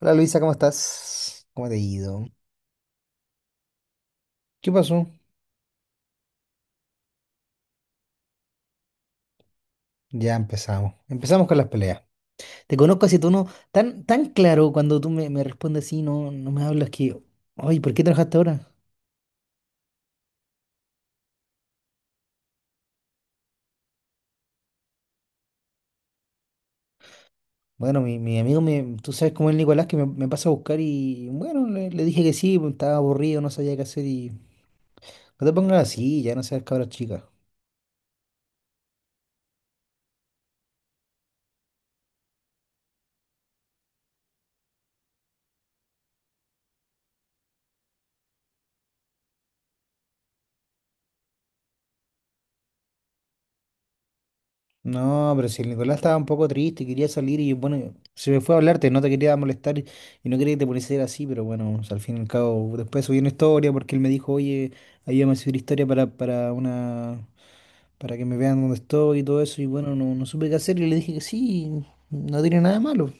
Hola Luisa, ¿cómo estás? ¿Cómo te ha ido? ¿Qué pasó? Ya empezamos. Empezamos con las peleas. Te conozco así, tú no. Tan claro cuando tú me respondes así, no, no me hablas que. Ay, ¿por qué trabajaste ahora? Bueno, mi amigo, me, tú sabes cómo es Nicolás, que me pasa a buscar y bueno, le dije que sí, pues, estaba aburrido, no sabía qué hacer y. No te pongas así, ya no seas cabra chica. No, pero si el Nicolás estaba un poco triste, y quería salir y bueno, se me fue a hablarte, no te quería molestar y no quería que te pusieras así, pero bueno, o sea, al fin y al cabo, después subí una historia porque él me dijo, oye, ayúdame a subir historia para una, para que me vean dónde estoy y todo eso, y bueno, no, no supe qué hacer y le dije que sí, no tiene nada de malo.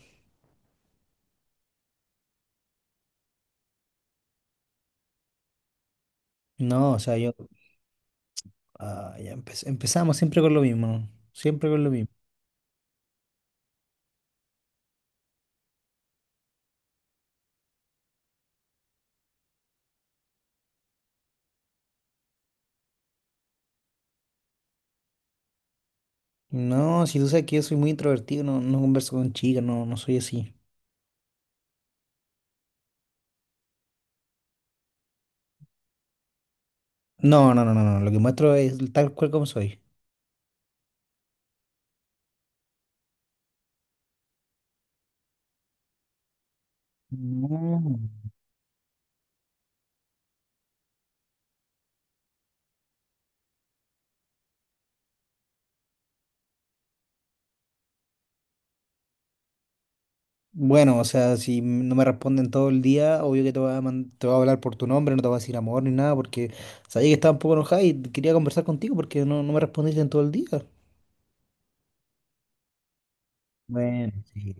No, o sea, yo, ah, ya empezamos siempre con lo mismo, siempre con lo mismo. No, si tú sabes que yo soy muy introvertido, no, no converso con chicas, no, no soy así. No, no, no, no, no, lo que muestro es tal cual como soy. No. Bueno, o sea, si no me responden todo el día, obvio que te voy a, te voy a hablar por tu nombre, no te voy a decir amor ni nada, porque sabía que estaba un poco enojada y quería conversar contigo porque no, no me respondiste en todo el día. Bueno, sí.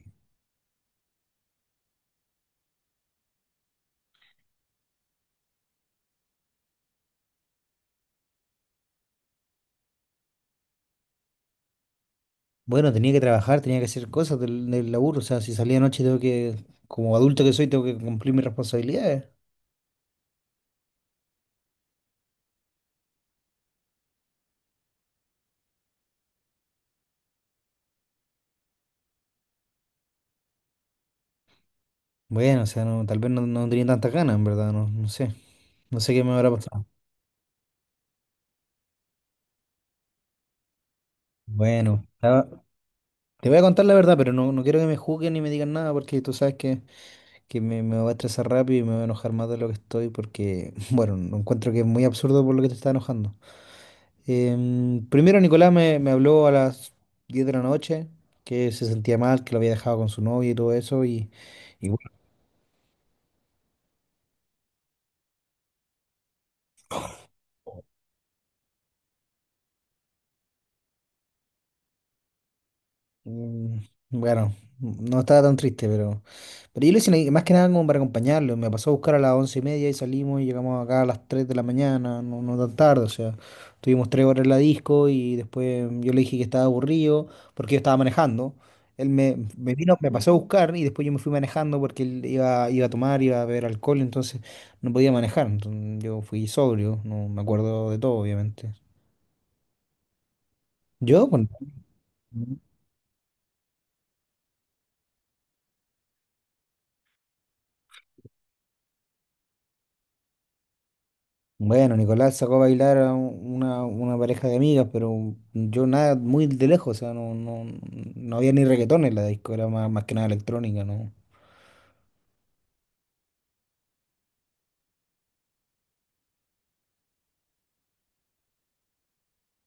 Bueno, tenía que trabajar, tenía que hacer cosas del laburo, o sea, si salía anoche tengo que, como adulto que soy, tengo que cumplir mis responsabilidades. Bueno, o sea, no, tal vez no, no tenía tantas ganas, en verdad, no, no sé, no sé qué me habrá pasado. Bueno, te voy a contar la verdad, pero no, no quiero que me juzguen ni me digan nada porque tú sabes que me va a estresar rápido y me va a enojar más de lo que estoy porque, bueno, no encuentro que es muy absurdo por lo que te está enojando. Primero Nicolás me habló a las 10 de la noche que se sentía mal, que lo había dejado con su novia y todo eso y bueno, mm, bueno, no estaba tan triste, pero... Pero yo lo hice más que nada como para acompañarlo. Me pasó a buscar a las 11:30 y salimos y llegamos acá a las 3 de la mañana, no, no tan tarde. O sea, tuvimos 3 horas en la disco y después yo le dije que estaba aburrido porque yo estaba manejando. Él me, me pasó a buscar y después yo me fui manejando porque él iba, iba a tomar, iba a beber alcohol, entonces no podía manejar. Entonces yo fui sobrio, no me acuerdo de todo, obviamente. Yo, bueno. Bueno, Nicolás sacó a bailar a una pareja de amigas, pero yo nada, muy de lejos, o sea, no, no, no había ni reggaetón en la disco, era más, más que nada electrónica, ¿no?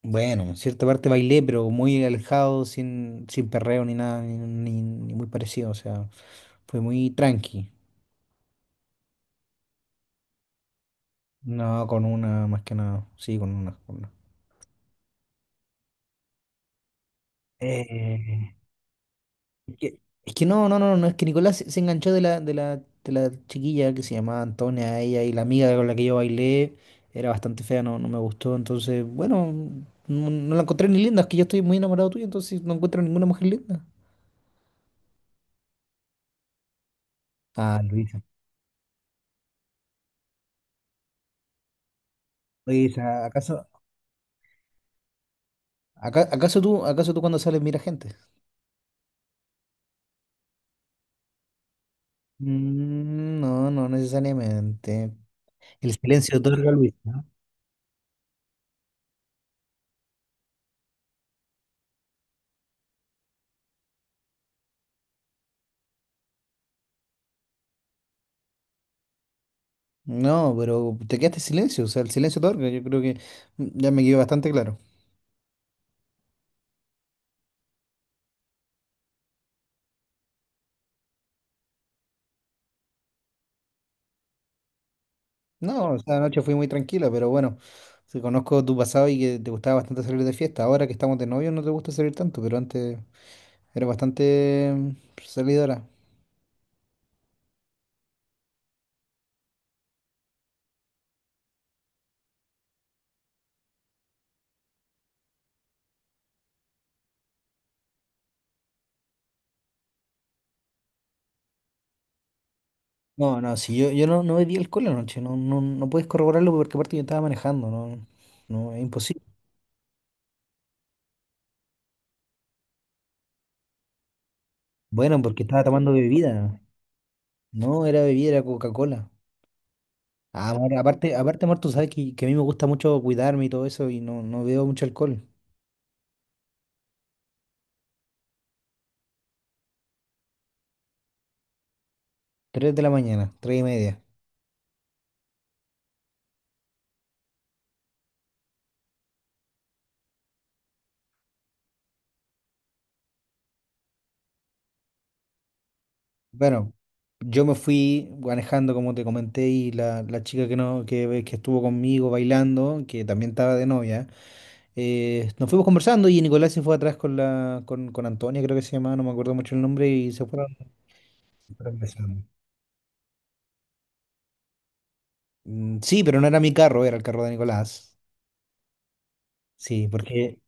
Bueno, en cierta parte bailé, pero muy alejado, sin, sin perreo ni nada, ni, ni muy parecido, o sea, fue muy tranqui. No, con una, más que nada, sí, con una. Con una. Eh, Es que, es que no, no, no, no, es que Nicolás se, se enganchó de la, de la, de la chiquilla que se llamaba Antonia, ella y la amiga con la que yo bailé era bastante fea, no, no me gustó, entonces, bueno, no, no la encontré ni linda, es que yo estoy muy enamorado tuyo, entonces no encuentro ninguna mujer linda. Ah, Luisa. Luisa, ¿acaso, acaso tú cuando sales mira gente? No, no necesariamente. El silencio otorga, Luisa. No, no, pero te quedaste en silencio, o sea, el silencio otorga, yo creo que ya me quedó bastante claro. No, esa noche fui muy tranquila, pero bueno, si conozco tu pasado y que te gustaba bastante salir de fiesta. Ahora que estamos de novio no te gusta salir tanto, pero antes era bastante salidora. No, no, si yo, yo no, no bebí alcohol anoche, no, no, no puedes corroborarlo porque aparte yo estaba manejando, no, no, es imposible. Bueno, porque estaba tomando bebida, no era bebida, era Coca-Cola. Ah, amor, aparte, aparte, amor, tú sabes que a mí me gusta mucho cuidarme y todo eso y no, no bebo mucho alcohol. 3 de la mañana, 3:30. Bueno, yo me fui manejando, como te comenté, y la chica que no, que estuvo conmigo bailando, que también estaba de novia, nos fuimos conversando y Nicolás se fue atrás con la, con Antonia, creo que se llamaba, no me acuerdo mucho el nombre, y se fueron besando. Mm, sí, pero no era mi carro, era el carro de Nicolás. Sí, porque.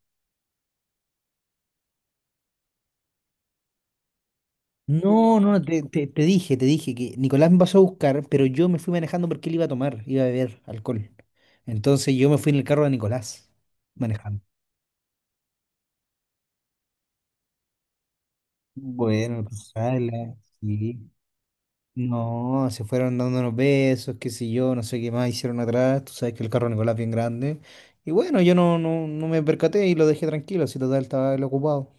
No, no, te, te dije que Nicolás me pasó a buscar, pero yo me fui manejando porque él iba a tomar, iba a beber alcohol. Entonces yo me fui en el carro de Nicolás manejando. Bueno, ojalá, sí. No, se fueron dando unos besos, qué sé yo, no sé qué más hicieron atrás. Tú sabes que el carro de Nicolás es bien grande. Y bueno, yo no, no, no me percaté y lo dejé tranquilo, si total estaba él ocupado.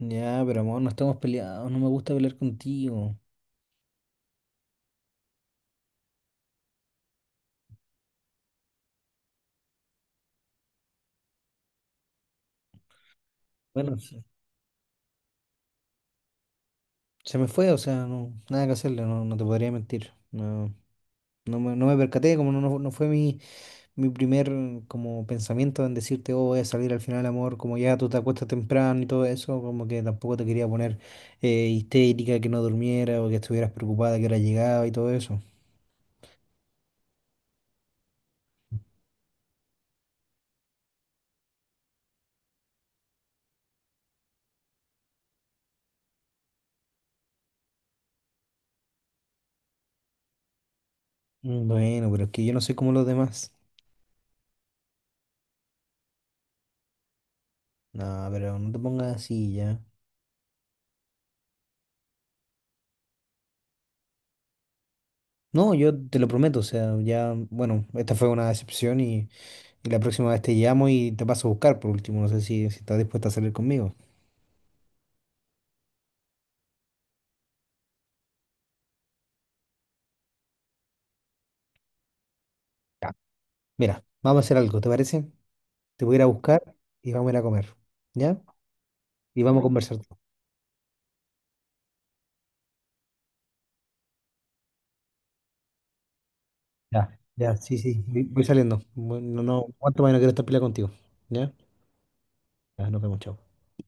Ya, pero amor, no estamos peleados, no me gusta pelear contigo. Bueno, se me fue, o sea, no, nada que hacerle, no, no te podría mentir. No, no me, no me percaté, como no, no no fue mi, mi primer como pensamiento en decirte, oh, voy a salir al final, amor, como ya tú te acuestas temprano y todo eso, como que tampoco te quería poner histérica, que no durmiera o que estuvieras preocupada que ahora llegaba y todo eso. Mm, bueno, pero es que yo no soy como los demás. No, pero no te pongas así ya. No, yo te lo prometo, o sea, ya, bueno, esta fue una decepción y la próxima vez te llamo y te paso a buscar por último, no sé si, si estás dispuesta a salir conmigo. Ya. Mira, vamos a hacer algo, ¿te parece? Te voy a ir a buscar y vamos a ir a comer. ¿Ya? Y vamos a conversar. Ya, ya, sí, sí, voy saliendo. Bueno, no, cuánto más no quiero estar peleando contigo. Ya, ya, nos vemos, chao.